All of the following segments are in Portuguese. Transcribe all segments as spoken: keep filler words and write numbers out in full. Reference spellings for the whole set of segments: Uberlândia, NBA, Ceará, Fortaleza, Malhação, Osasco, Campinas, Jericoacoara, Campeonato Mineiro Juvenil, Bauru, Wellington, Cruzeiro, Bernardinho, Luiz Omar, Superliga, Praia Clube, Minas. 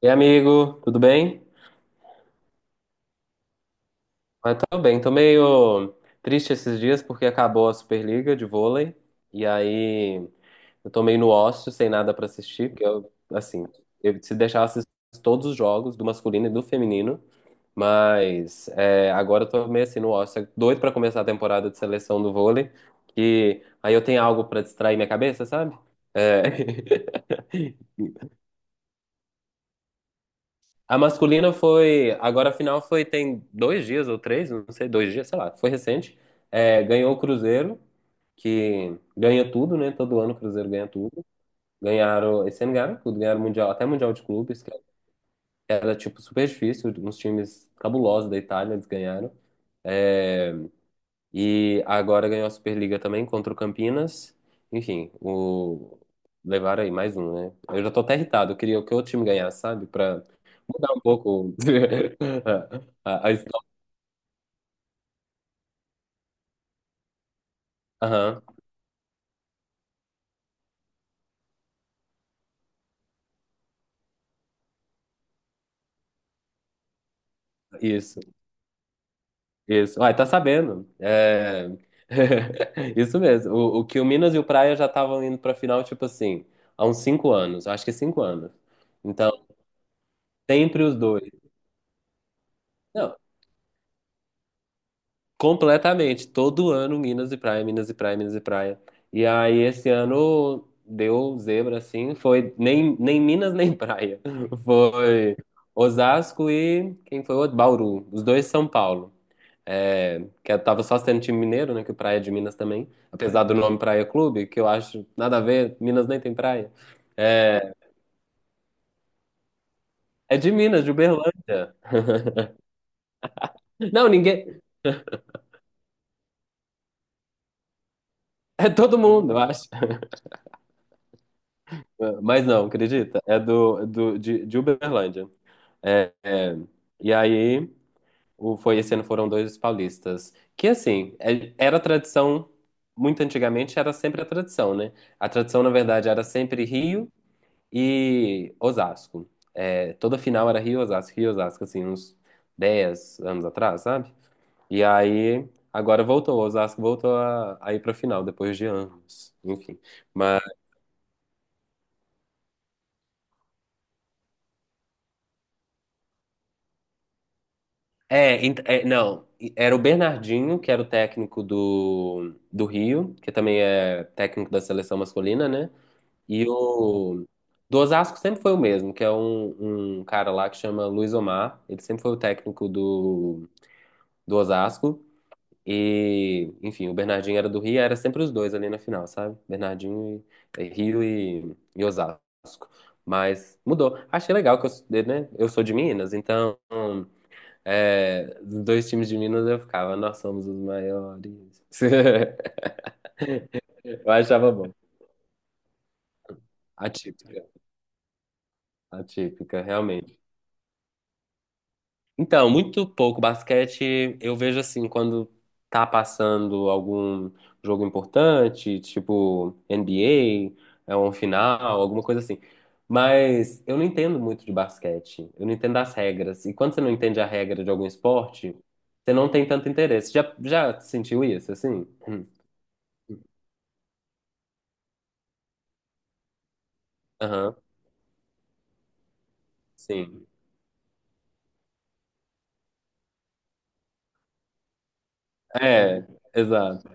E amigo, tudo bem? Ah, tô bem, tô meio triste esses dias porque acabou a Superliga de vôlei e aí eu tô meio no ócio, sem nada pra assistir, porque eu, assim, eu se deixar assisto todos os jogos do masculino e do feminino, mas é, agora eu tô meio assim no ócio, é doido pra começar a temporada de seleção do vôlei, que aí eu tenho algo pra distrair minha cabeça, sabe? É, A masculina foi. Agora a final foi, tem dois dias ou três, não sei, dois dias, sei lá, foi recente. É, ganhou o Cruzeiro, que ganha tudo, né? Todo ano o Cruzeiro ganha tudo. Ganharam, esse ano ganharam tudo, ganharam Mundial, até Mundial de Clubes, que era tipo super difícil, uns times cabulosos da Itália, eles ganharam. É, e agora ganhou a Superliga também contra o Campinas. Enfim, o... levaram aí mais um, né? Eu já tô até irritado. Eu queria que o outro time ganhasse, sabe? Pra mudar um pouco a, a história. Aham, isso, isso. Uai, tá sabendo. É... Isso mesmo. O, o que o Minas e o Praia já estavam indo pra final, tipo assim, há uns cinco anos. Acho que cinco anos. Então, sempre os dois. Não, completamente. Todo ano, Minas e praia, Minas e praia, Minas e praia. E aí, esse ano deu zebra, assim. Foi nem, nem Minas, nem praia. Foi Osasco e quem foi o outro? Bauru. Os dois São Paulo. É, que eu tava só sendo time mineiro, né? Que o Praia é de Minas também. Apesar do nome Praia Clube, que eu acho nada a ver. Minas nem tem praia. É, é de Minas, de Uberlândia. Não, ninguém. É todo mundo, eu acho. Mas não, acredita? É do, do, de, de Uberlândia. É, é, e aí, o, foi esse ano foram dois paulistas. Que assim, é- era tradição, muito antigamente era sempre a tradição, né? A tradição, na verdade, era sempre Rio e Osasco. É, toda final era Rio e Osasco, Rio e Osasco, assim, uns dez anos atrás, sabe? E aí, agora voltou, Osasco voltou a, a ir pra final, depois de anos, enfim. É, ent- é, não, era o Bernardinho, que era o técnico do, do Rio, que também é técnico da seleção masculina, né? E o do Osasco sempre foi o mesmo, que é um, um cara lá que chama Luiz Omar, ele sempre foi o técnico do, do Osasco. E, enfim, o Bernardinho era do Rio, era sempre os dois ali na final, sabe? Bernardinho e, e Rio e, e Osasco. Mas mudou. Achei legal que eu, né? Eu sou de Minas, então. É, dos dois times de Minas eu ficava, nós somos os maiores. Eu achava bom. Atípica, atípica, realmente. Então, muito pouco basquete, eu vejo assim, quando tá passando algum jogo importante, tipo N B A, é um final, alguma coisa assim. Mas eu não entendo muito de basquete, eu não entendo as regras. E quando você não entende a regra de algum esporte, você não tem tanto interesse. Já, já sentiu isso, assim? Hum, aham, sim. É, exato.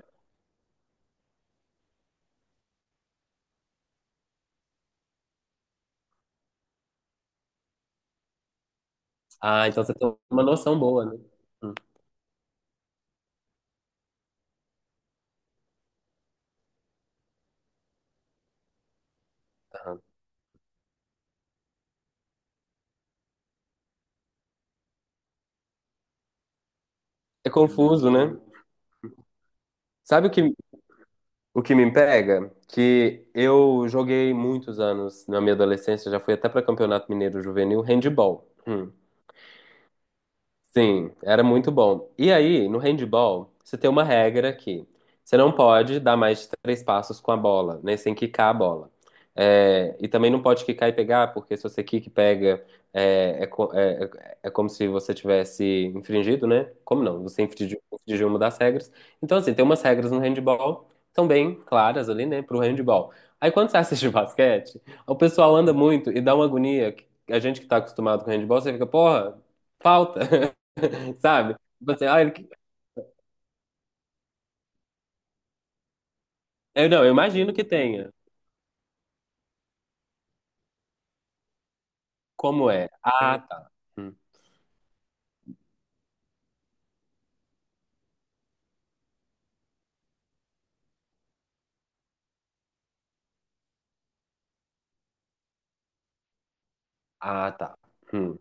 Ah, então você tem uma noção boa, né? Hum, tá. É confuso, né? Sabe o que, o que me pega? Que eu joguei muitos anos na minha adolescência, já fui até para Campeonato Mineiro Juvenil, handball. Hum. Sim, era muito bom. E aí, no handball, você tem uma regra que você não pode dar mais de três passos com a bola, né? Sem quicar a bola. É, e também não pode quicar e pegar, porque se você quica e pega, é, é, co- é, é é como se você tivesse infringido, né? Como não? Você infringiu, infringiu uma das regras. Então, assim, tem umas regras no handball, são bem claras ali, né? Pro handball. Aí, quando você assiste basquete, o pessoal anda muito e dá uma agonia. A gente que tá acostumado com handball, você fica, porra, falta. Sabe? Você, ah, ele... eu, não, eu imagino que tenha. Como é? Ah, tá. Hum. Ah, tá. Hum.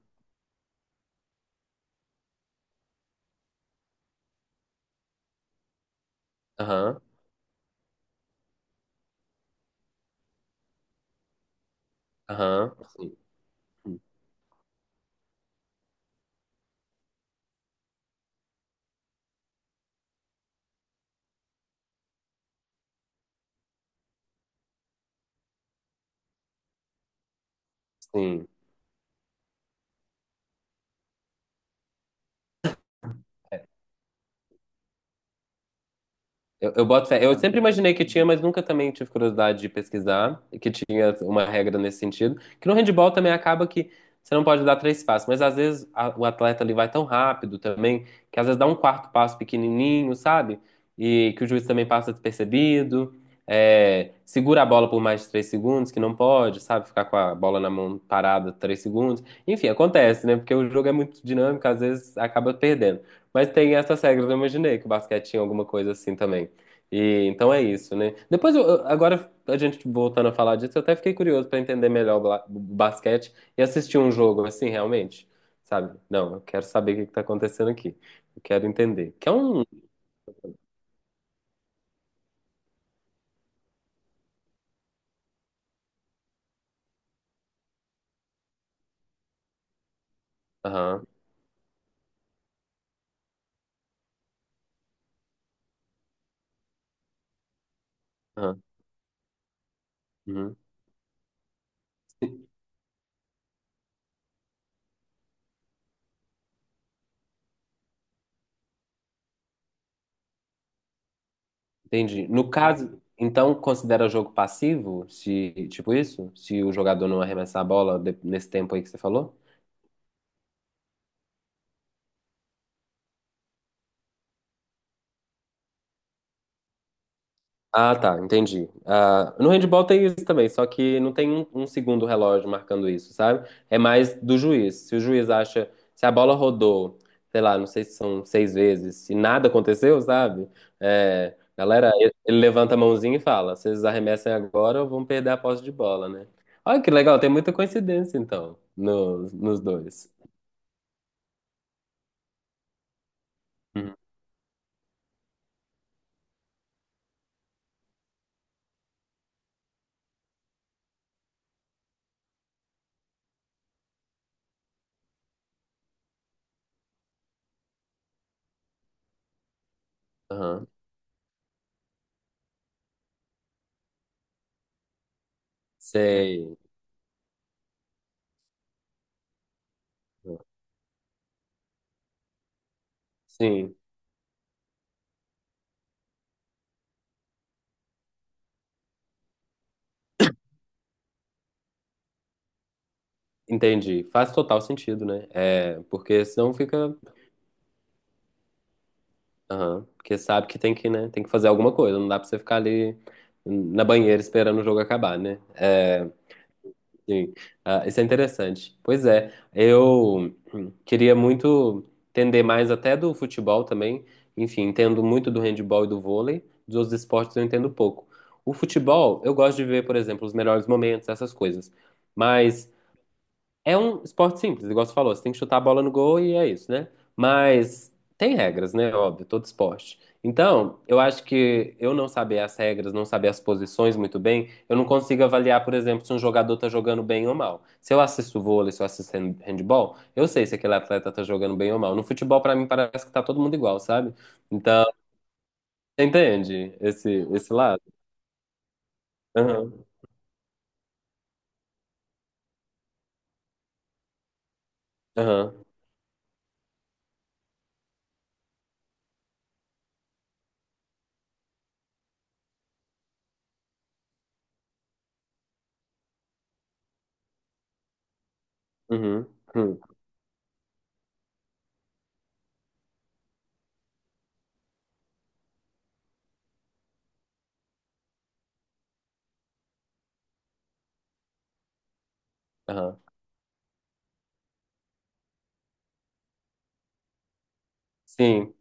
Aham, aham. Sim, hum. Sim. Eu, eu boto fé. Eu sempre imaginei que tinha, mas nunca também tive curiosidade de pesquisar que tinha uma regra nesse sentido. Que no handebol também acaba que você não pode dar três passos, mas às vezes a- o atleta ali vai tão rápido também que às vezes dá um quarto passo pequenininho, sabe? E que o juiz também passa despercebido. É, segura a bola por mais de três segundos, que não pode, sabe? Ficar com a bola na mão parada três segundos. Enfim, acontece, né? Porque o jogo é muito dinâmico, às vezes acaba perdendo. Mas tem essas regras, eu imaginei que o basquete tinha alguma coisa assim também. E então é isso, né? Depois, eu- eu- agora a gente voltando a falar disso, eu até fiquei curioso para entender melhor o ba- o basquete e assistir um jogo assim, realmente, sabe? Não, eu quero saber o que que tá acontecendo aqui. Eu quero entender. Que é um. Aham, aham, uhum. Entendi. No caso, então considera jogo passivo, se tipo isso? Se o jogador não arremessar a bola de- nesse tempo aí que você falou? Ah, tá, entendi. Ah, no handball tem isso também, só que não tem um, um segundo relógio marcando isso, sabe? É mais do juiz. Se o juiz acha, se a bola rodou, sei lá, não sei se são seis vezes, se nada aconteceu, sabe? É, galera, ele ele levanta a mãozinha e fala: vocês arremessem agora ou vão perder a posse de bola, né? Olha que legal, tem muita coincidência então nos, nos dois. Uhum. Aham. Sei. Sim, entendi. Faz total sentido, né? É, porque senão fica Aham. Porque sabe que tem que, né, tem que fazer alguma coisa, não dá pra você ficar ali na banheira esperando o jogo acabar, né? É, sim. Ah, isso é interessante. Pois é, eu queria muito entender mais até do futebol também. Enfim, entendo muito do handebol e do vôlei, dos outros esportes eu entendo pouco. O futebol, eu gosto de ver, por exemplo, os melhores momentos, essas coisas. Mas é um esporte simples, igual você falou, você tem que chutar a bola no gol e é isso, né? Mas tem regras, né? Óbvio, todo esporte. Então, eu acho que eu não saber as regras, não saber as posições muito bem, eu não consigo avaliar, por exemplo, se um jogador tá jogando bem ou mal. Se eu assisto vôlei, se eu assisto hand- handball, eu sei se aquele atleta tá jogando bem ou mal. No futebol, pra mim, parece que tá todo mundo igual, sabe? Então, você entende esse, esse lado? Aham, aham, uhum, uhum, aham. Sim.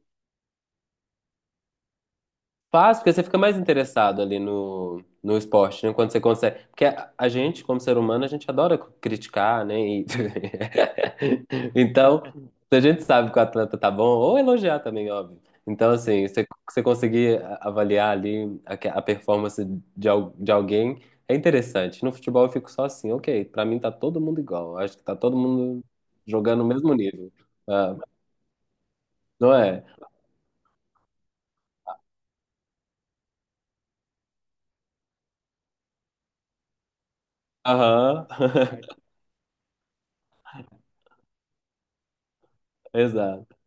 Faz, porque você fica mais interessado ali no, no esporte, né? Quando você consegue. Porque a, a gente, como ser humano, a gente adora c- criticar, né? E- Então, se a gente sabe que o atleta tá bom, ou elogiar também, óbvio. Então, assim, você, você conseguir a- avaliar ali a, que- a performance de, al- de alguém é interessante. No futebol eu fico só assim, ok, pra mim tá todo mundo igual. Acho que tá todo mundo jogando no mesmo nível. Ah, não é? Aham, exato.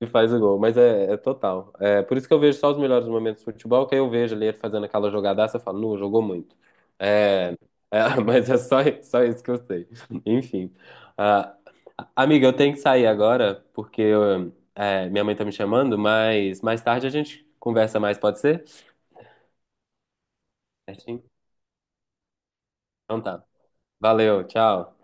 E faz o gol, mas é, é total. É, por isso que eu vejo só os melhores momentos do futebol, que aí eu vejo ali ele fazendo aquela jogadaça, eu falo, não, jogou muito. É, é, mas é só, só isso que eu sei. Enfim. Ah, amiga, eu tenho que sair agora, porque eu, é, minha mãe tá me chamando, mas mais tarde a gente conversa mais, pode ser? Certinho? Então tá. Valeu, tchau.